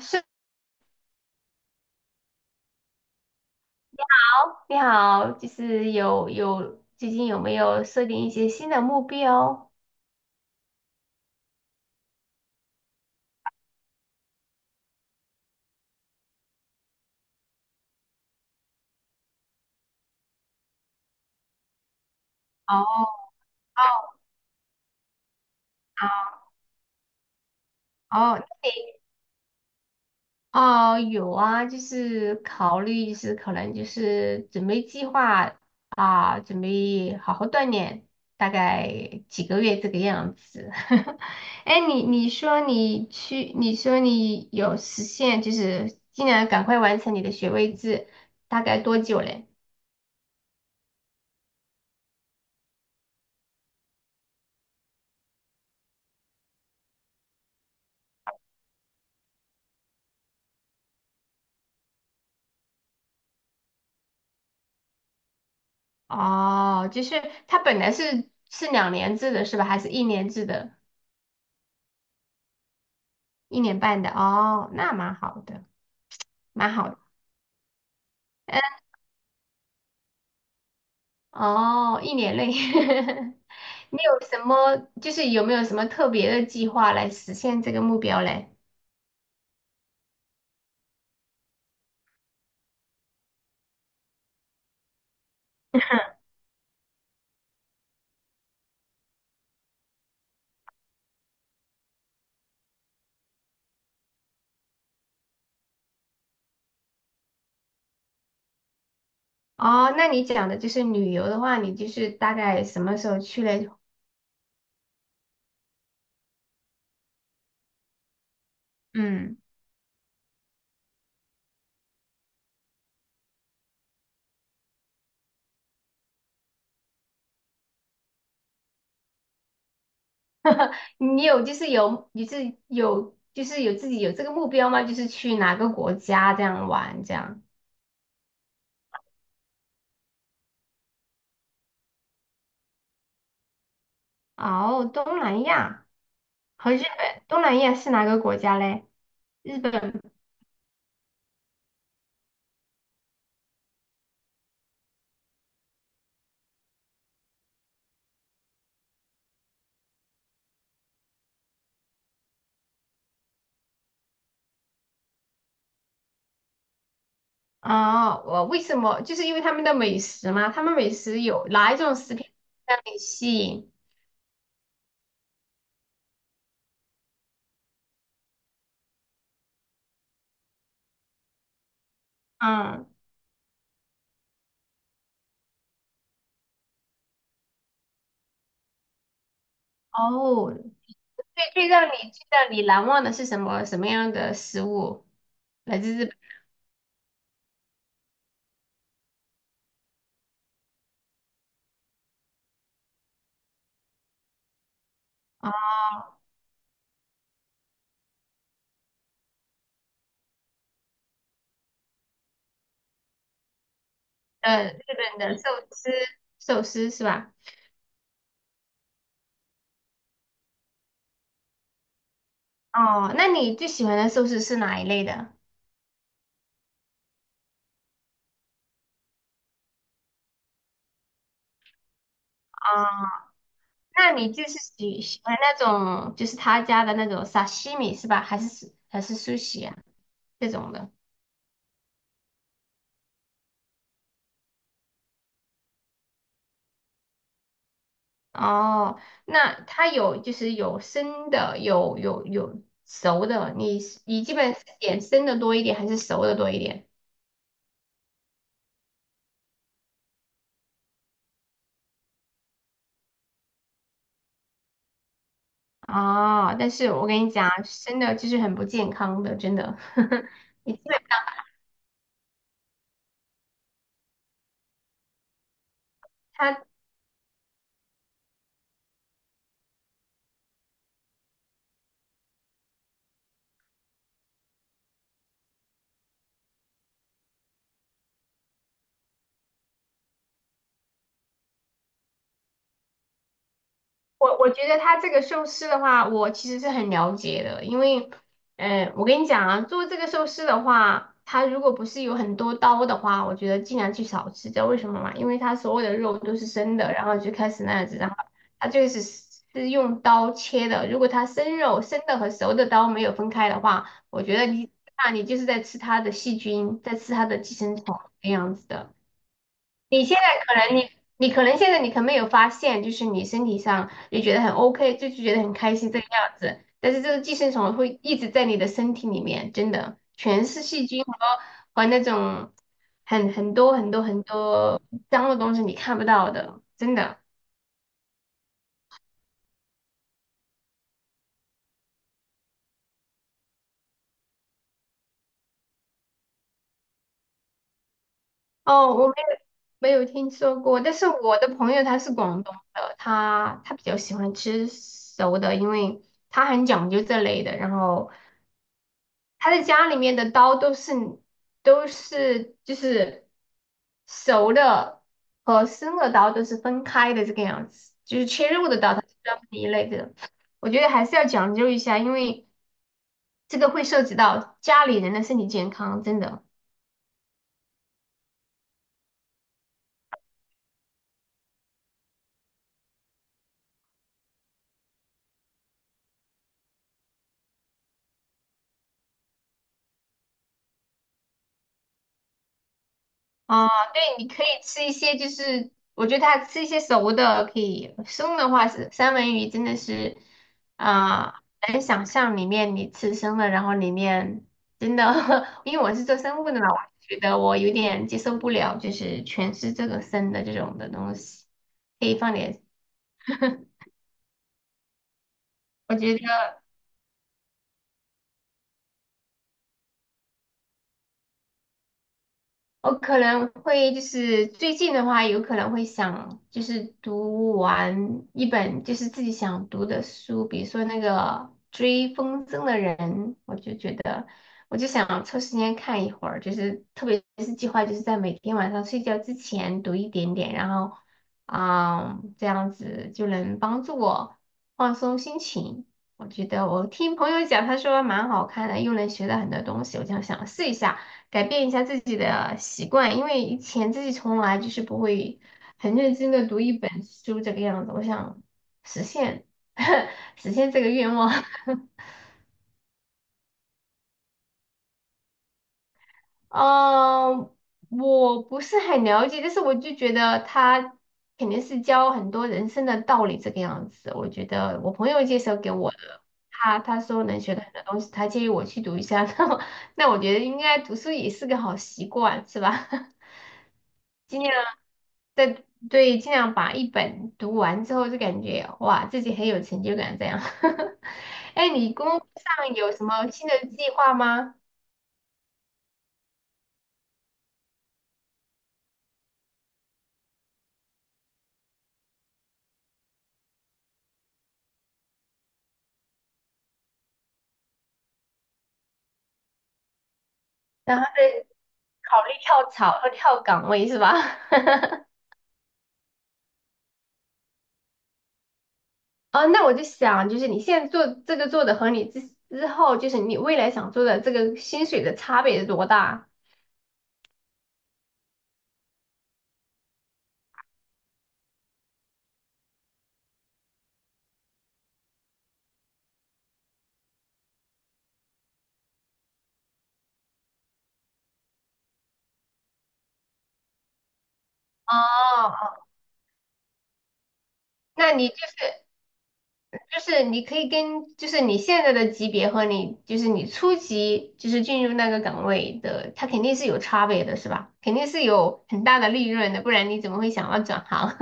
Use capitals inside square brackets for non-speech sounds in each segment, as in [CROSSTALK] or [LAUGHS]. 是好，你好，就是有最近有没有设定一些新的目标？哦哦哦，哦，有啊，就是考虑，就是可能就是准备计划准备好好锻炼，大概几个月这个样子。[LAUGHS] 哎你说你去，你说你有实现，就是尽量赶快完成你的学位制，大概多久嘞？哦，就是它本来是两年制的是吧？还是一年制的？一年半的？哦，那蛮好的，蛮好的。嗯哦，一年内。[LAUGHS] 你有什么，就是有没有什么特别的计划来实现这个目标嘞？哦，那你讲的就是旅游的话，你就是大概什么时候去嘞？嗯，你有就是有，你是有就是有自己有这个目标吗？就是去哪个国家这样玩这样？哦，东南亚。和日本、东南亚是哪个国家嘞？日本啊，我为什么？就是因为他们的美食嘛，他们美食有哪一种食品让你吸引？嗯，哦，最让你难忘的是什么样的食物？来自日本哦，呃，日本的司，寿司是吧？哦，那你最喜欢的寿司是哪一类的？哦，那你就是喜欢那种就是他家的那种沙西米是吧？还是寿 u s 这种的。哦，那它有就是有生的，有有熟的，你基本是点生的多一点还是熟的多一点？哦，但是我跟你讲，生的就是很不健康的，真的。[LAUGHS] 你基本它我觉得他这个寿司的话，我其实是很了解的，因为，我跟你讲啊，做这个寿司的话，它如果不是有很多刀的话，我觉得尽量去少吃。知道为什么吗？因为它所有的肉都是生的，然后就开始那样子，然后它就是用刀切的。如果它生肉、生的和熟的刀没有分开的话，我觉得你就是在吃它的细菌，在吃它的寄生虫这样子的。你现在可能你可能没有发现，就是你身体上你觉得很 OK,就是觉得很开心这个样子，但是这个寄生虫会一直在你的身体里面，真的全是细菌和和那种很很多脏的东西，你看不到的，真的。哦，我没有听说过，但是我的朋友他是广东的，他比较喜欢吃熟的，因为他很讲究这类的，然后。他的家里面的刀都是就是熟的和生的刀都是分开的这个样子，就是切肉的刀它是专门一类的。我觉得还是要讲究一下，因为这个会涉及到家里人的身体健康，真的。哦，对，你可以吃一些，就是我觉得它吃一些熟的可以，生的话是三文鱼真的是，啊、很难想象里面你吃生的，然后里面真的。[LAUGHS] 因为我是做生物的嘛，我觉得我有点接受不了，就是全是这个生的这种的东西，可以放点。[LAUGHS] 我觉得。我可能会就是最近的话，有可能会想就是读完一本就是自己想读的书，比如说那个《追风筝的人》，我就觉得我就想抽时间看一会儿，就是特别是计划就是在每天晚上睡觉之前读一点点，然后这样子就能帮助我放松心情。我觉得我听朋友讲，他说蛮好看的，又能学到很多东西，我就想试一下。改变一下自己的习惯，因为以前自己从来就是不会很认真的读一本书这个样子。我想实现 [LAUGHS] 实现这个愿望。嗯，我不是很了解，但是我就觉得他肯定是教很多人生的道理这个样子。我觉得我朋友介绍给我的，他说能学到很多东西，他建议我去读一下。[LAUGHS] 那我觉得应该读书也是个好习惯，是吧？[LAUGHS] 尽量在对，尽量把一本读完之后就感觉哇，自己很有成就感这样。[LAUGHS] 哎，你工作上有什么新的计划吗？然后再考虑跳槽和跳岗位是吧？[LAUGHS] 哦，那我就想，就是你现在做这个做的和你之后，就是你未来想做的这个薪水的差别是多大？哦，那你就是。就是你可以跟，就是你现在的级别和你，就是你初级，就是进入那个岗位的，它肯定是有差别的，是吧？肯定是有很大的利润的，不然你怎么会想要转行？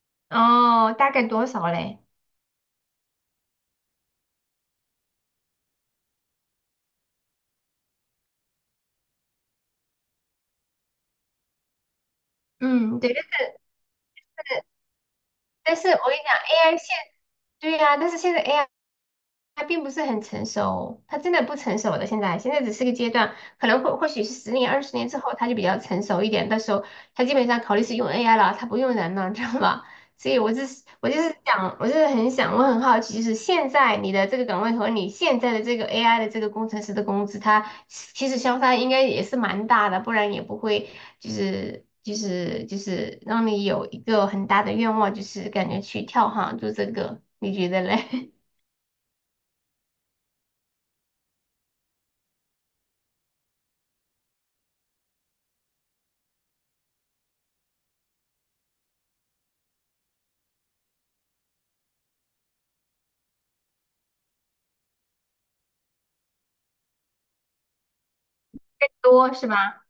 [LAUGHS] 哦，大概多少嘞？嗯，对，但是我跟你讲，AI 现，对呀、但是现在 AI。他并不是很成熟，他真的不成熟的。现在只是个阶段，可能或许是10年、20年之后，他就比较成熟一点。到时候他基本上考虑是用 AI 了，他不用人了，知道吧？所以我就是想，我就是很想，我很好奇，就是现在你的这个岗位和你现在的这个 AI 的这个工程师的工资，它其实相差应该也是蛮大的，不然也不会就是让你有一个很大的愿望，就是感觉去跳行做这个，你觉得嘞？[LAUGHS] 多是吧？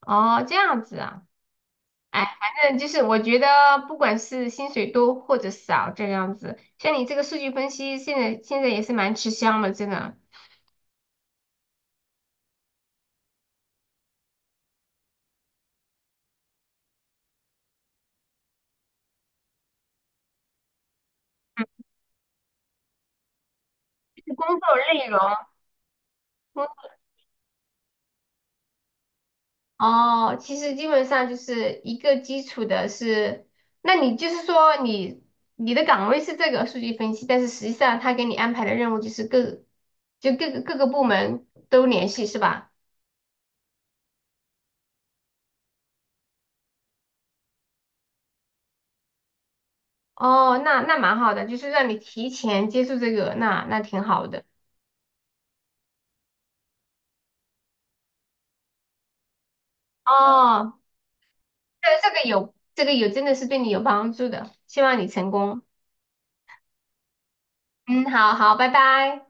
哦，这样子啊，哎，反正就是我觉得，不管是薪水多或者少，这样子，像你这个数据分析，现在也是蛮吃香的，真的。就是工作内容，工哦，其实基本上就是一个基础的是，那你就是说你的岗位是这个数据分析，但是实际上他给你安排的任务就是各个部门都联系是吧？哦，那蛮好的，就是让你提前接触这个，那挺好的。哦，对，这个有，真的是对你有帮助的，希望你成功。嗯，好，拜拜。